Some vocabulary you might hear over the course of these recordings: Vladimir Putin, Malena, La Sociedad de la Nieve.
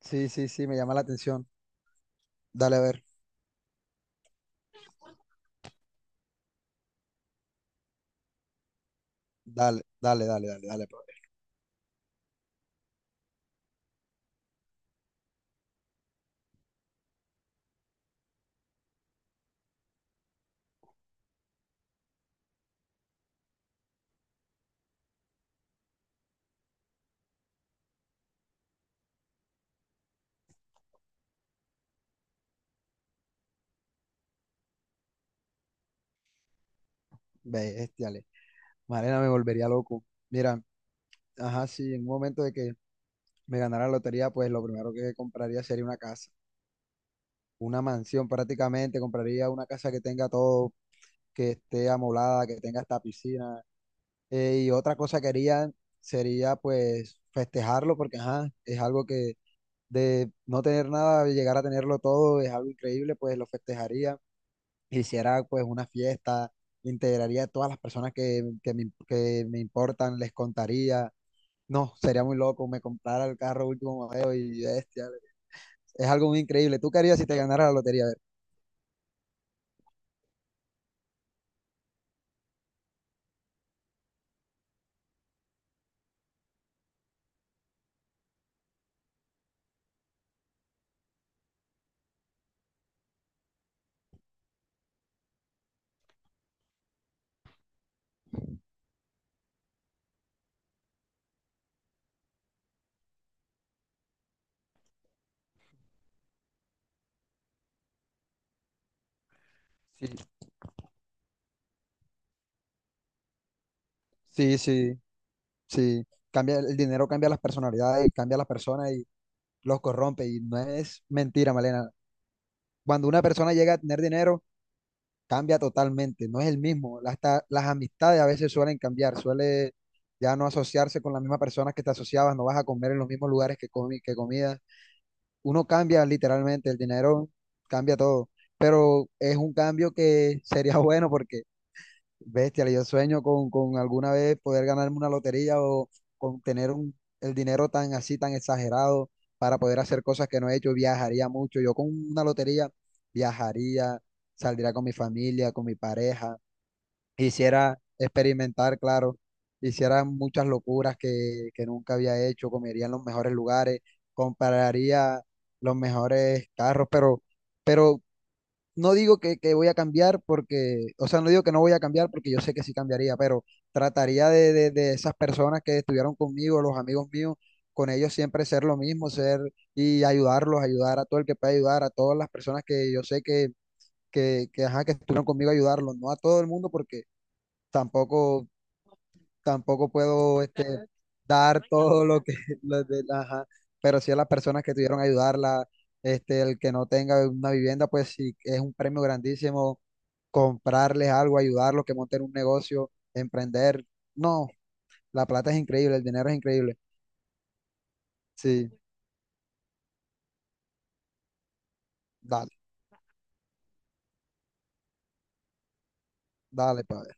Sí, sí, sí, me llama la atención. Dale, a ver. Dale, dale, dale, dale, dale. Brother. Bestiale. Mariana me volvería loco. Mira, ajá, sí, en un momento de que me ganara la lotería, pues lo primero que compraría sería una casa, una mansión prácticamente. Compraría una casa que tenga todo, que esté amoblada, que tenga hasta piscina. Y otra cosa que haría sería, pues, festejarlo, porque, ajá, es algo que de no tener nada, llegar a tenerlo todo, es algo increíble, pues lo festejaría, hiciera pues una fiesta, integraría a todas las personas que me importan, les contaría. No, sería muy loco, me comprara el carro último modelo y bestia. Es algo muy increíble. ¿Tú qué harías si te ganara la lotería? A ver. Sí, sí, sí, sí. Cambia, el dinero cambia las personalidades, cambia a las personas y los corrompe. Y no es mentira, Malena. Cuando una persona llega a tener dinero, cambia totalmente, no es el mismo. Hasta las amistades a veces suelen cambiar, suele ya no asociarse con las mismas personas que te asociabas, no vas a comer en los mismos lugares que comías. Uno cambia literalmente, el dinero cambia todo, pero es un cambio que sería bueno porque bestia, yo sueño con alguna vez poder ganarme una lotería o con tener el dinero tan así, tan exagerado para poder hacer cosas que no he hecho. Viajaría mucho. Yo con una lotería viajaría, saldría con mi familia, con mi pareja. Hiciera experimentar, claro. Hiciera muchas locuras que nunca había hecho. Comería en los mejores lugares, compraría los mejores carros, pero no digo que voy a cambiar porque, o sea, no digo que no voy a cambiar porque yo sé que sí cambiaría, pero trataría de esas personas que estuvieron conmigo, los amigos míos, con ellos siempre ser lo mismo, ser y ayudarlos, ayudar a todo el que pueda ayudar, a todas las personas que yo sé que estuvieron conmigo, ayudarlos, no a todo el mundo porque tampoco tampoco puedo este, dar todo lo que, ajá, pero sí a las personas que tuvieron que ayudarla, este, el que no tenga una vivienda, pues sí, es un premio grandísimo comprarles algo, ayudarlos, que monten un negocio, emprender. No, la plata es increíble, el dinero es increíble. Sí, dale, dale, padre.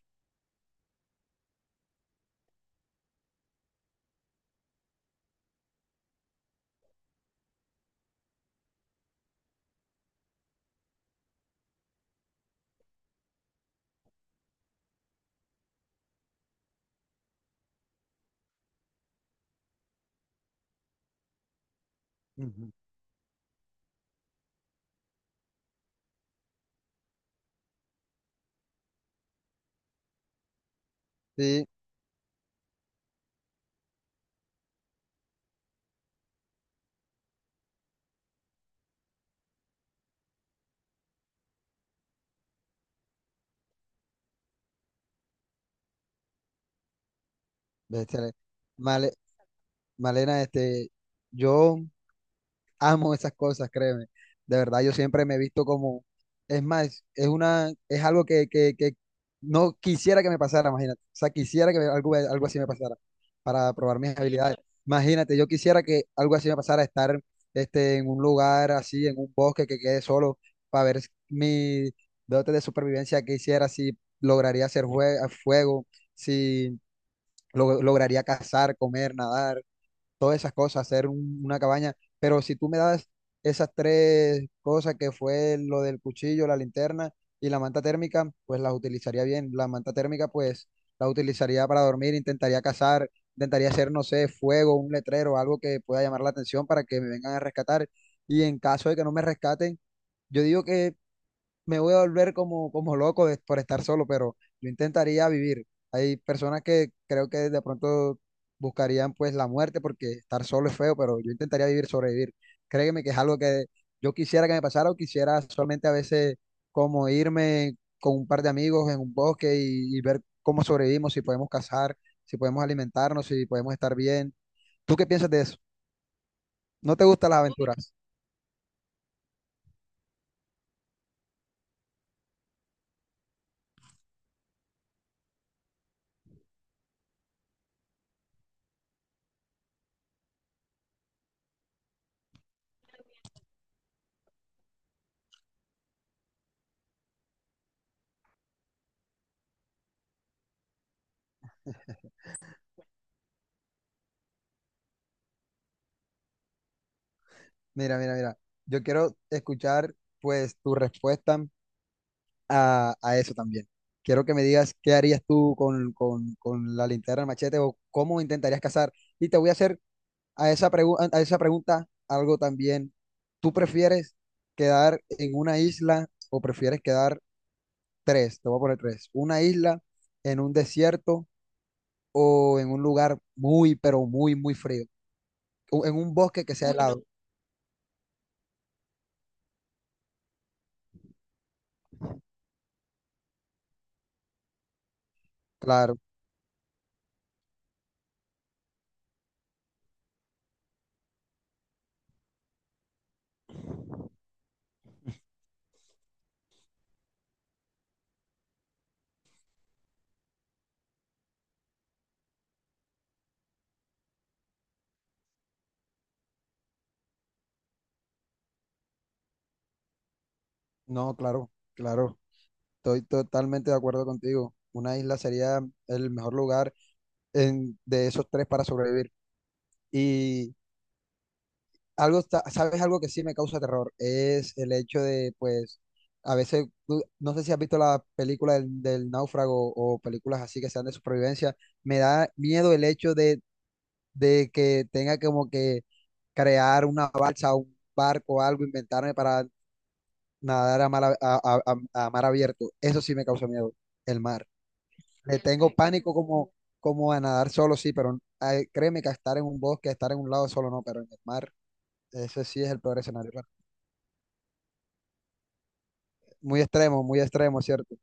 Ujú. Sí, bestia. Male- Malena, este, yo amo esas cosas, créeme. De verdad, yo siempre me he visto como, es más, es algo que no quisiera que me pasara, imagínate. O sea, quisiera que algo, algo así me pasara para probar mis habilidades. Imagínate, yo quisiera que algo así me pasara, estar este, en un lugar así, en un bosque que quede solo, para ver mi dote de supervivencia que hiciera, si lograría hacer fuego, si lograría cazar, comer, nadar todas esas cosas, hacer una cabaña. Pero si tú me das esas tres cosas que fue lo del cuchillo, la linterna y la manta térmica, pues las utilizaría bien. La manta térmica, pues la utilizaría para dormir, intentaría cazar, intentaría hacer, no sé, fuego, un letrero, algo que pueda llamar la atención para que me vengan a rescatar. Y en caso de que no me rescaten, yo digo que me voy a volver como, como loco de- por estar solo, pero yo intentaría vivir. Hay personas que creo que de pronto buscarían pues la muerte porque estar solo es feo, pero yo intentaría vivir, sobrevivir. Créeme que es algo que yo quisiera que me pasara o quisiera solamente a veces como irme con un par de amigos en un bosque y ver cómo sobrevivimos, si podemos cazar, si podemos alimentarnos, si podemos estar bien. ¿Tú qué piensas de eso? ¿No te gustan las aventuras? Mira, mira, mira. Yo quiero escuchar pues tu respuesta a eso también. Quiero que me digas qué harías tú con la linterna, el machete o cómo intentarías cazar. Y te voy a hacer a esa pregunta algo también. ¿Tú prefieres quedar en una isla o prefieres quedar tres? Te voy a poner tres. Una isla, en un desierto o en un lugar muy, pero muy, muy frío. O en un bosque que sea muy helado. Claro, no, claro, claro. Estoy totalmente de acuerdo contigo. Una isla sería el mejor lugar en- de esos tres para sobrevivir. Y algo, está- ¿sabes algo que sí me causa terror? Es el hecho de, pues, a veces, tú- no sé si has visto la película del náufrago o películas así que sean de supervivencia, me da miedo el hecho de, que tenga como que crear una balsa, un barco, algo, inventarme para nadar a mar abierto. Eso sí me causa miedo, el mar. Le tengo pánico como, como a nadar solo, sí, pero ay, créeme que a estar en un bosque, a estar en un lado solo no, pero en el mar, ese sí es el peor escenario. Claro. Muy extremo, ¿cierto?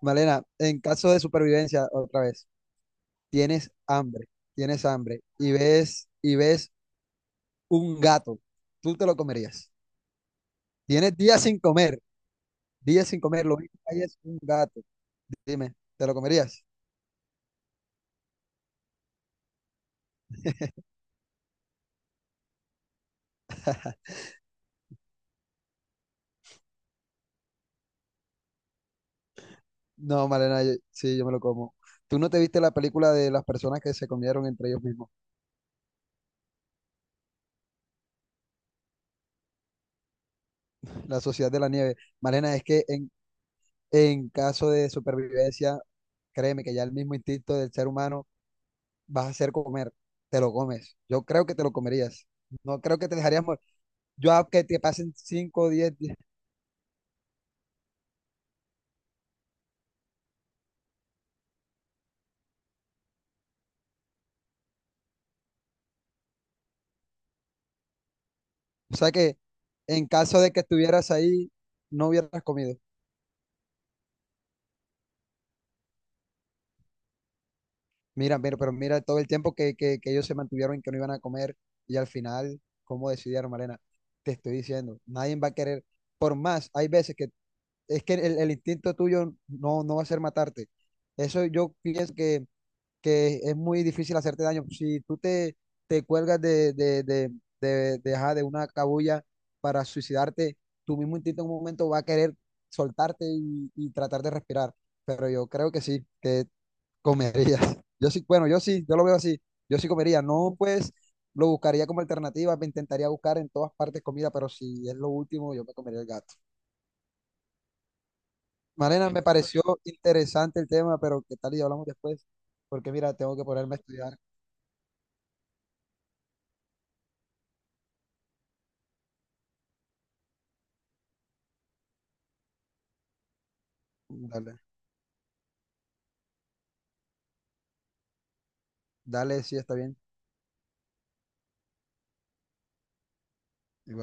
Malena, en caso de supervivencia, otra vez, tienes hambre, tienes hambre y ves un gato, tú te lo comerías. Tienes días sin comer, lo único que hay es un gato. Dime, ¿te lo comerías? No, Malena, yo- sí, yo me lo como. ¿Tú no te viste la película de las personas que se comieron entre ellos mismos? La Sociedad de la Nieve. Malena, es que en caso de supervivencia, créeme que ya el mismo instinto del ser humano vas a hacer comer. Te lo comes. Yo creo que te lo comerías. No creo que te dejarías morir. Yo a que te pasen 5 o 10 días. O sea que en caso de que estuvieras ahí, no hubieras comido. Mira, mira, pero mira todo el tiempo que ellos se mantuvieron en que no iban a comer y al final, ¿cómo decidieron, Malena? Te estoy diciendo, nadie va a querer. Por más, hay veces que es que el instinto tuyo no, no va a ser matarte. Eso yo pienso que es muy difícil hacerte daño. Si tú te cuelgas de una cabulla para suicidarte, tu mismo instinto en un momento va a querer soltarte y tratar de respirar. Pero yo creo que sí, que comerías. Yo sí, bueno, yo sí, yo lo veo así. Yo sí comería. No, pues lo buscaría como alternativa, me intentaría buscar en todas partes comida, pero si es lo último, yo me comería el gato. Marena, me pareció interesante el tema, pero ¿qué tal y hablamos después? Porque mira, tengo que ponerme a estudiar. Dale, dale, sí, está bien. Igual.